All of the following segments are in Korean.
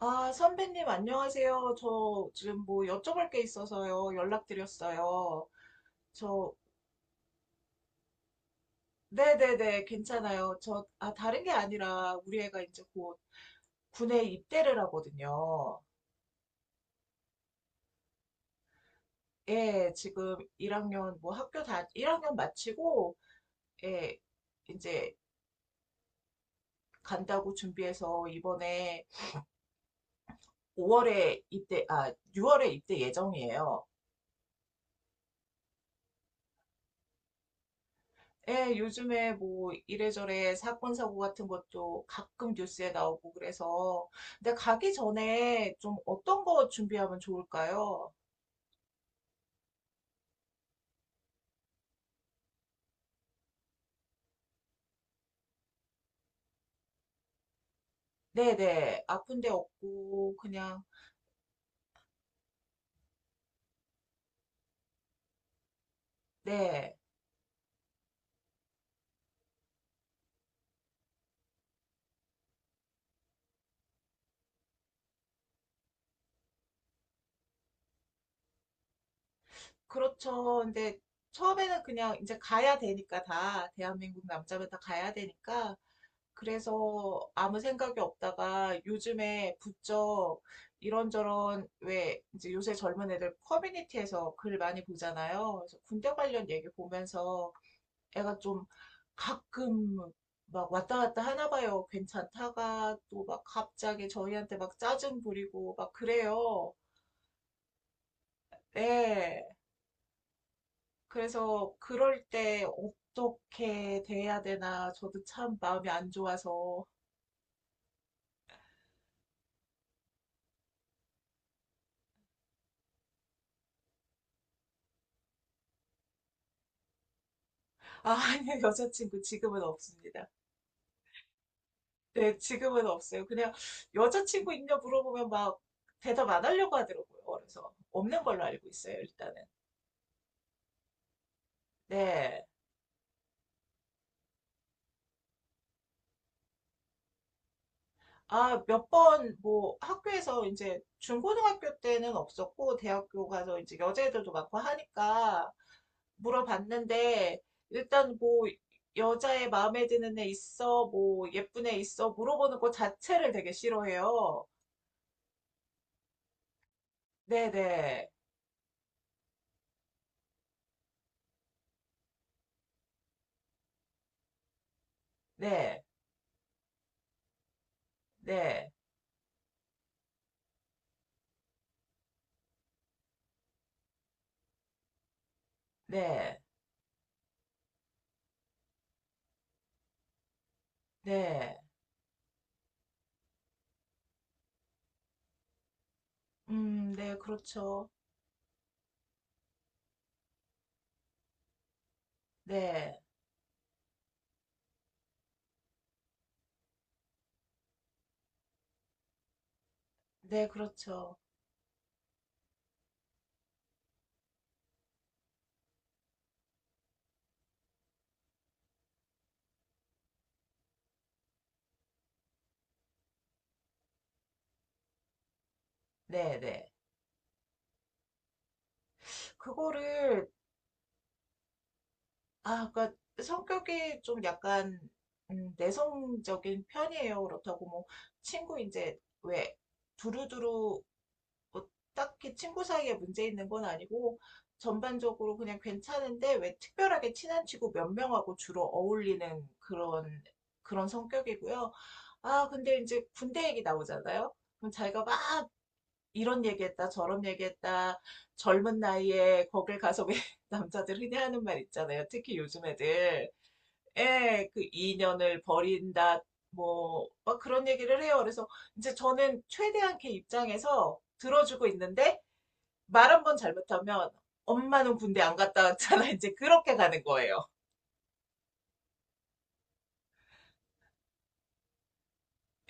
아, 선배님, 안녕하세요. 저 지금 뭐 여쭤볼 게 있어서요. 연락드렸어요. 저, 네네네, 괜찮아요. 저, 아, 다른 게 아니라 우리 애가 이제 곧 군에 입대를 하거든요. 예, 지금 1학년, 1학년 마치고, 예, 이제 간다고 준비해서 이번에 오월에 입대, 아, 6월에 입대 예정이에요. 예, 요즘에 뭐 이래저래 사건 사고 같은 것도 가끔 뉴스에 나오고 그래서 근데 가기 전에 좀 어떤 거 준비하면 좋을까요? 네네, 아픈 데 없고 그냥. 네. 그렇죠. 근데 처음에는 그냥 이제 가야 되니까, 다 대한민국 남자면 다 가야 되니까, 그래서 아무 생각이 없다가 요즘에 부쩍 이런저런, 왜, 이제 요새 젊은 애들 커뮤니티에서 글 많이 보잖아요. 그래서 군대 관련 얘기 보면서 애가 좀 가끔 막 왔다 갔다 하나 봐요. 괜찮다가 또 막 갑자기 저희한테 막 짜증 부리고 막 그래요. 네. 그래서 그럴 때 어떻게 대해야 되나, 저도 참 마음이 안 좋아서. 아, 아니요, 여자친구 지금은 없습니다. 네, 지금은 없어요. 그냥 여자친구 있냐 물어보면 막 대답 안 하려고 하더라고요. 그래서 없는 걸로 알고 있어요, 일단은. 네. 아, 몇 번 뭐 학교에서, 이제 중고등학교 때는 없었고 대학교 가서 이제 여자애들도 많고 하니까 물어봤는데, 일단 뭐 여자애 마음에 드는 애 있어, 뭐 예쁜 애 있어 물어보는 거 자체를 되게 싫어해요. 네네. 네. 네. 네. 네. 네. 네, 그렇죠. 네. 네, 그렇죠. 네, 네. 그거를. 아, 그니까 성격이 좀 약간, 내성적인 편이에요. 그렇다고 뭐 친구 이제, 왜, 두루두루 뭐 딱히 친구 사이에 문제 있는 건 아니고, 전반적으로 그냥 괜찮은데, 왜, 특별하게 친한 친구 몇 명하고 주로 어울리는, 그런 성격이고요. 아, 근데 이제 군대 얘기 나오잖아요. 그럼 자기가 막 이런 얘기했다, 저런 얘기했다, 젊은 나이에 거길 가서, 왜, 남자들 흔히 하는 말 있잖아요. 특히 요즘 애들. 에, 그 인연을 버린다. 뭐, 막 그런 얘기를 해요. 그래서 이제 저는 최대한 걔 입장에서 들어주고 있는데 말 한번 잘못하면, 엄마는 군대 안 갔다 왔잖아. 이제 그렇게 가는 거예요.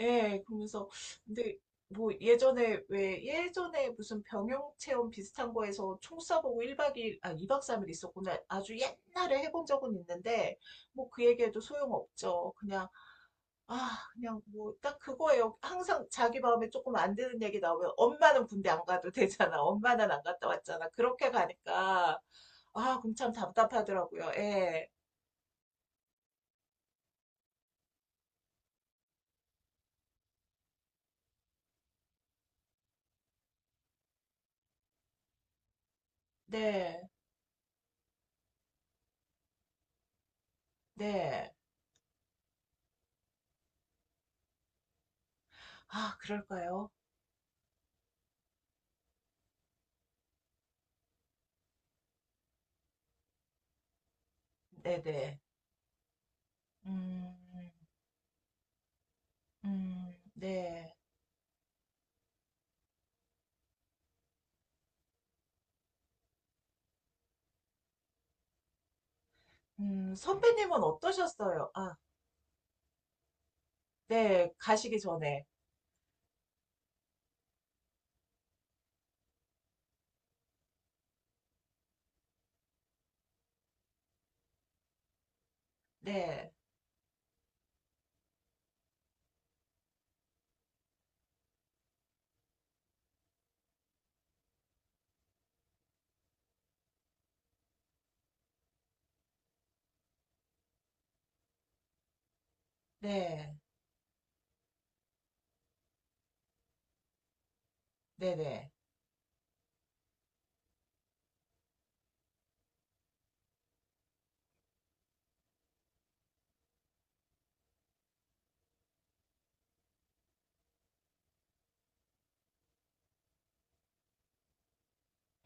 예, 그러면서, 근데, 뭐, 예전에, 왜, 예전에 무슨 병영 체험 비슷한 거에서 총 쏴보고 1박 2일, 아, 이박 3일 있었구나. 아주 옛날에 해본 적은 있는데, 뭐, 그 얘기해도 소용없죠. 그냥, 아, 그냥 뭐, 딱 그거예요. 항상 자기 마음에 조금 안 드는 얘기 나오면, 엄마는 군대 안 가도 되잖아, 엄마는 안 갔다 왔잖아, 그렇게 가니까. 아, 그럼 참 답답하더라고요. 예, 네, 네. 아, 그럴까요? 네네. 음. 네. 선배님은 어떠셨어요? 아, 네. 가시기 전에. 네. 네. 네네.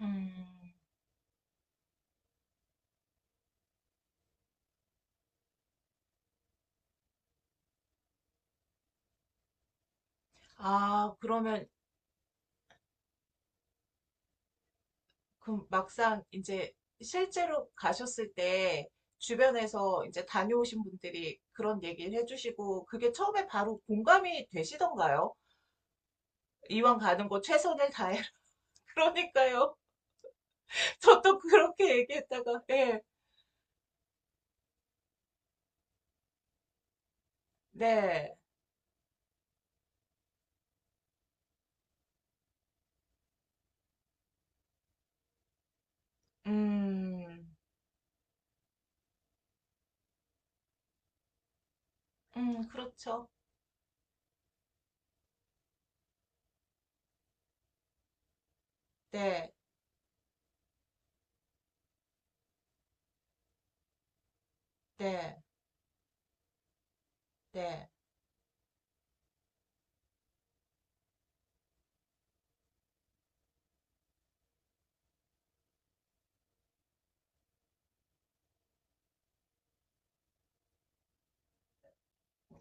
음. 아, 그러면, 그 막상 이제 실제로 가셨을 때 주변에서 이제 다녀오신 분들이 그런 얘기를 해주시고, 그게 처음에 바로 공감이 되시던가요? 이왕 가는 거 최선을 다해. 그러니까요. 저도 그렇게 얘기했다가, 예. 네. 음. 그렇죠. 네. 네, 네.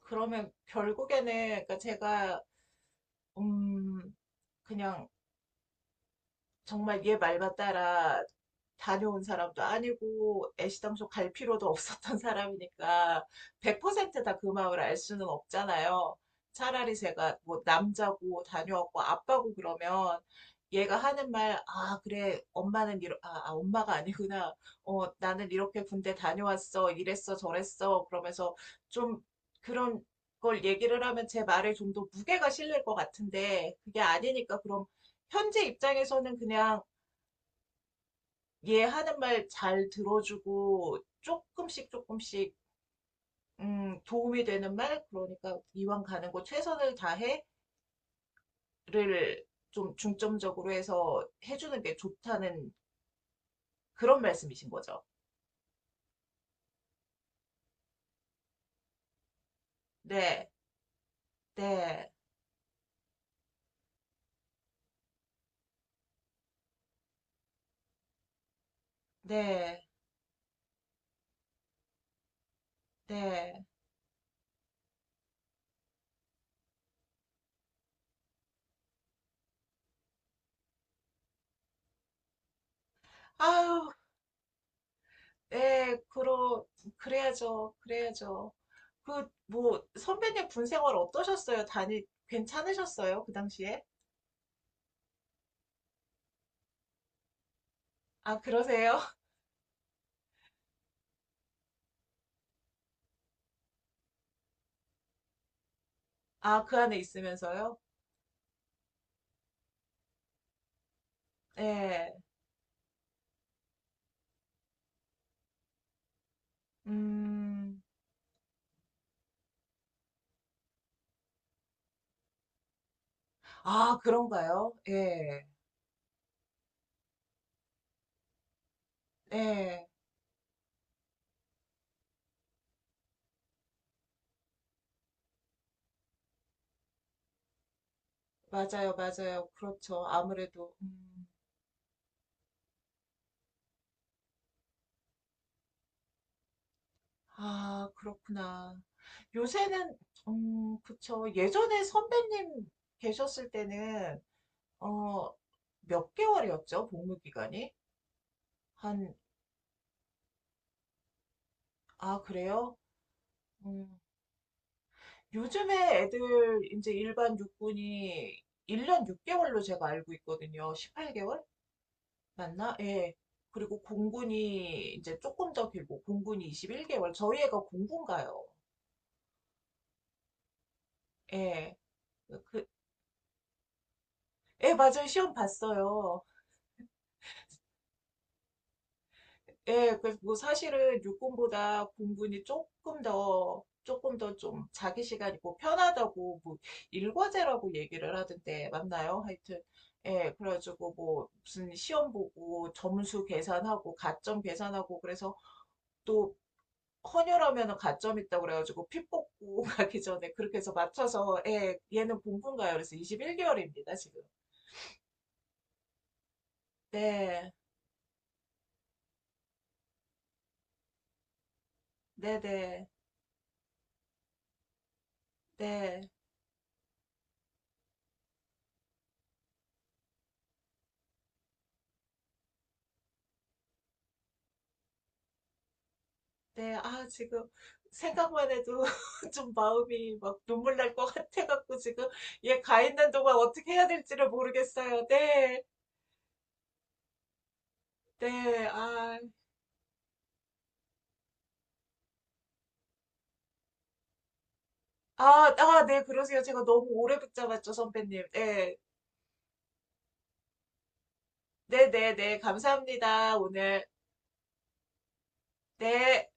그러면 결국에는, 그러니까 제가, 음, 그냥 정말 얘 말만 따라, 다녀온 사람도 아니고 애시당초 갈 필요도 없었던 사람이니까, 100%다 그 마음을 알 수는 없잖아요. 차라리 제가 뭐 남자고 다녀왔고 아빠고 그러면 얘가 하는 말, 아, 그래, 엄마는 이러, 아, 아, 엄마가 아니구나, 어, 나는 이렇게 군대 다녀왔어, 이랬어, 저랬어, 그러면서 좀 그런 걸 얘기를 하면 제 말에 좀 더 무게가 실릴 것 같은데, 그게 아니니까. 그런, 현재 입장에서는 그냥 얘 하는 말 잘 들어주고, 조금씩 조금씩, 도움이 되는 말, 그러니까 이왕 가는 곳 최선을 다해를 좀 중점적으로 해서 해주는 게 좋다는, 그런 말씀이신 거죠. 네, 네, 네, 네. 아유, 네, 그래야죠, 그래야죠. 그, 뭐, 선배님 군 생활 어떠셨어요? 괜찮으셨어요, 그 당시에? 아, 그러세요? 아, 그 안에 있으면서요? 예. 음. 아, 그런가요? 예. 예. 맞아요, 맞아요. 그렇죠. 아무래도. 음. 아, 그렇구나. 요새는, 그쵸. 예전에 선배님 계셨을 때는, 어, 몇 개월이었죠, 복무 기간이? 한, 아, 그래요? 음. 요즘에 애들, 이제 일반 육군이 1년 6개월로 제가 알고 있거든요. 18개월 맞나? 예. 그리고 공군이 이제 조금 더 길고, 공군이 21개월. 저희 애가 공군가요. 예. 그, 예, 맞아요. 시험 봤어요. 예, 그래서 뭐 사실은 육군보다 공군이 조금 더 좀 자기 시간이 고 편하다고, 뭐 일과제라고 얘기를 하던데 맞나요? 하여튼 예, 그래가지고 뭐 무슨 시험 보고 점수 계산하고 가점 계산하고, 그래서 또 헌혈하면은 가점 있다고 그래가지고 피 뽑고 가기 전에 그렇게 해서 맞춰서. 예, 얘는 본분가요? 그래서 21개월입니다, 지금. 네, 네, 네, 네, 네. 아, 지금 생각만 해도 좀 마음이 막 눈물 날 것 같아갖고, 지금 얘 가 있는 동안 어떻게 해야 될지를 모르겠어요. 네, 네. 아, 아, 아, 네, 그러세요. 제가 너무 오래 붙잡았죠, 선배님. 네, 네, 네, 네. 감사합니다, 오늘. 네.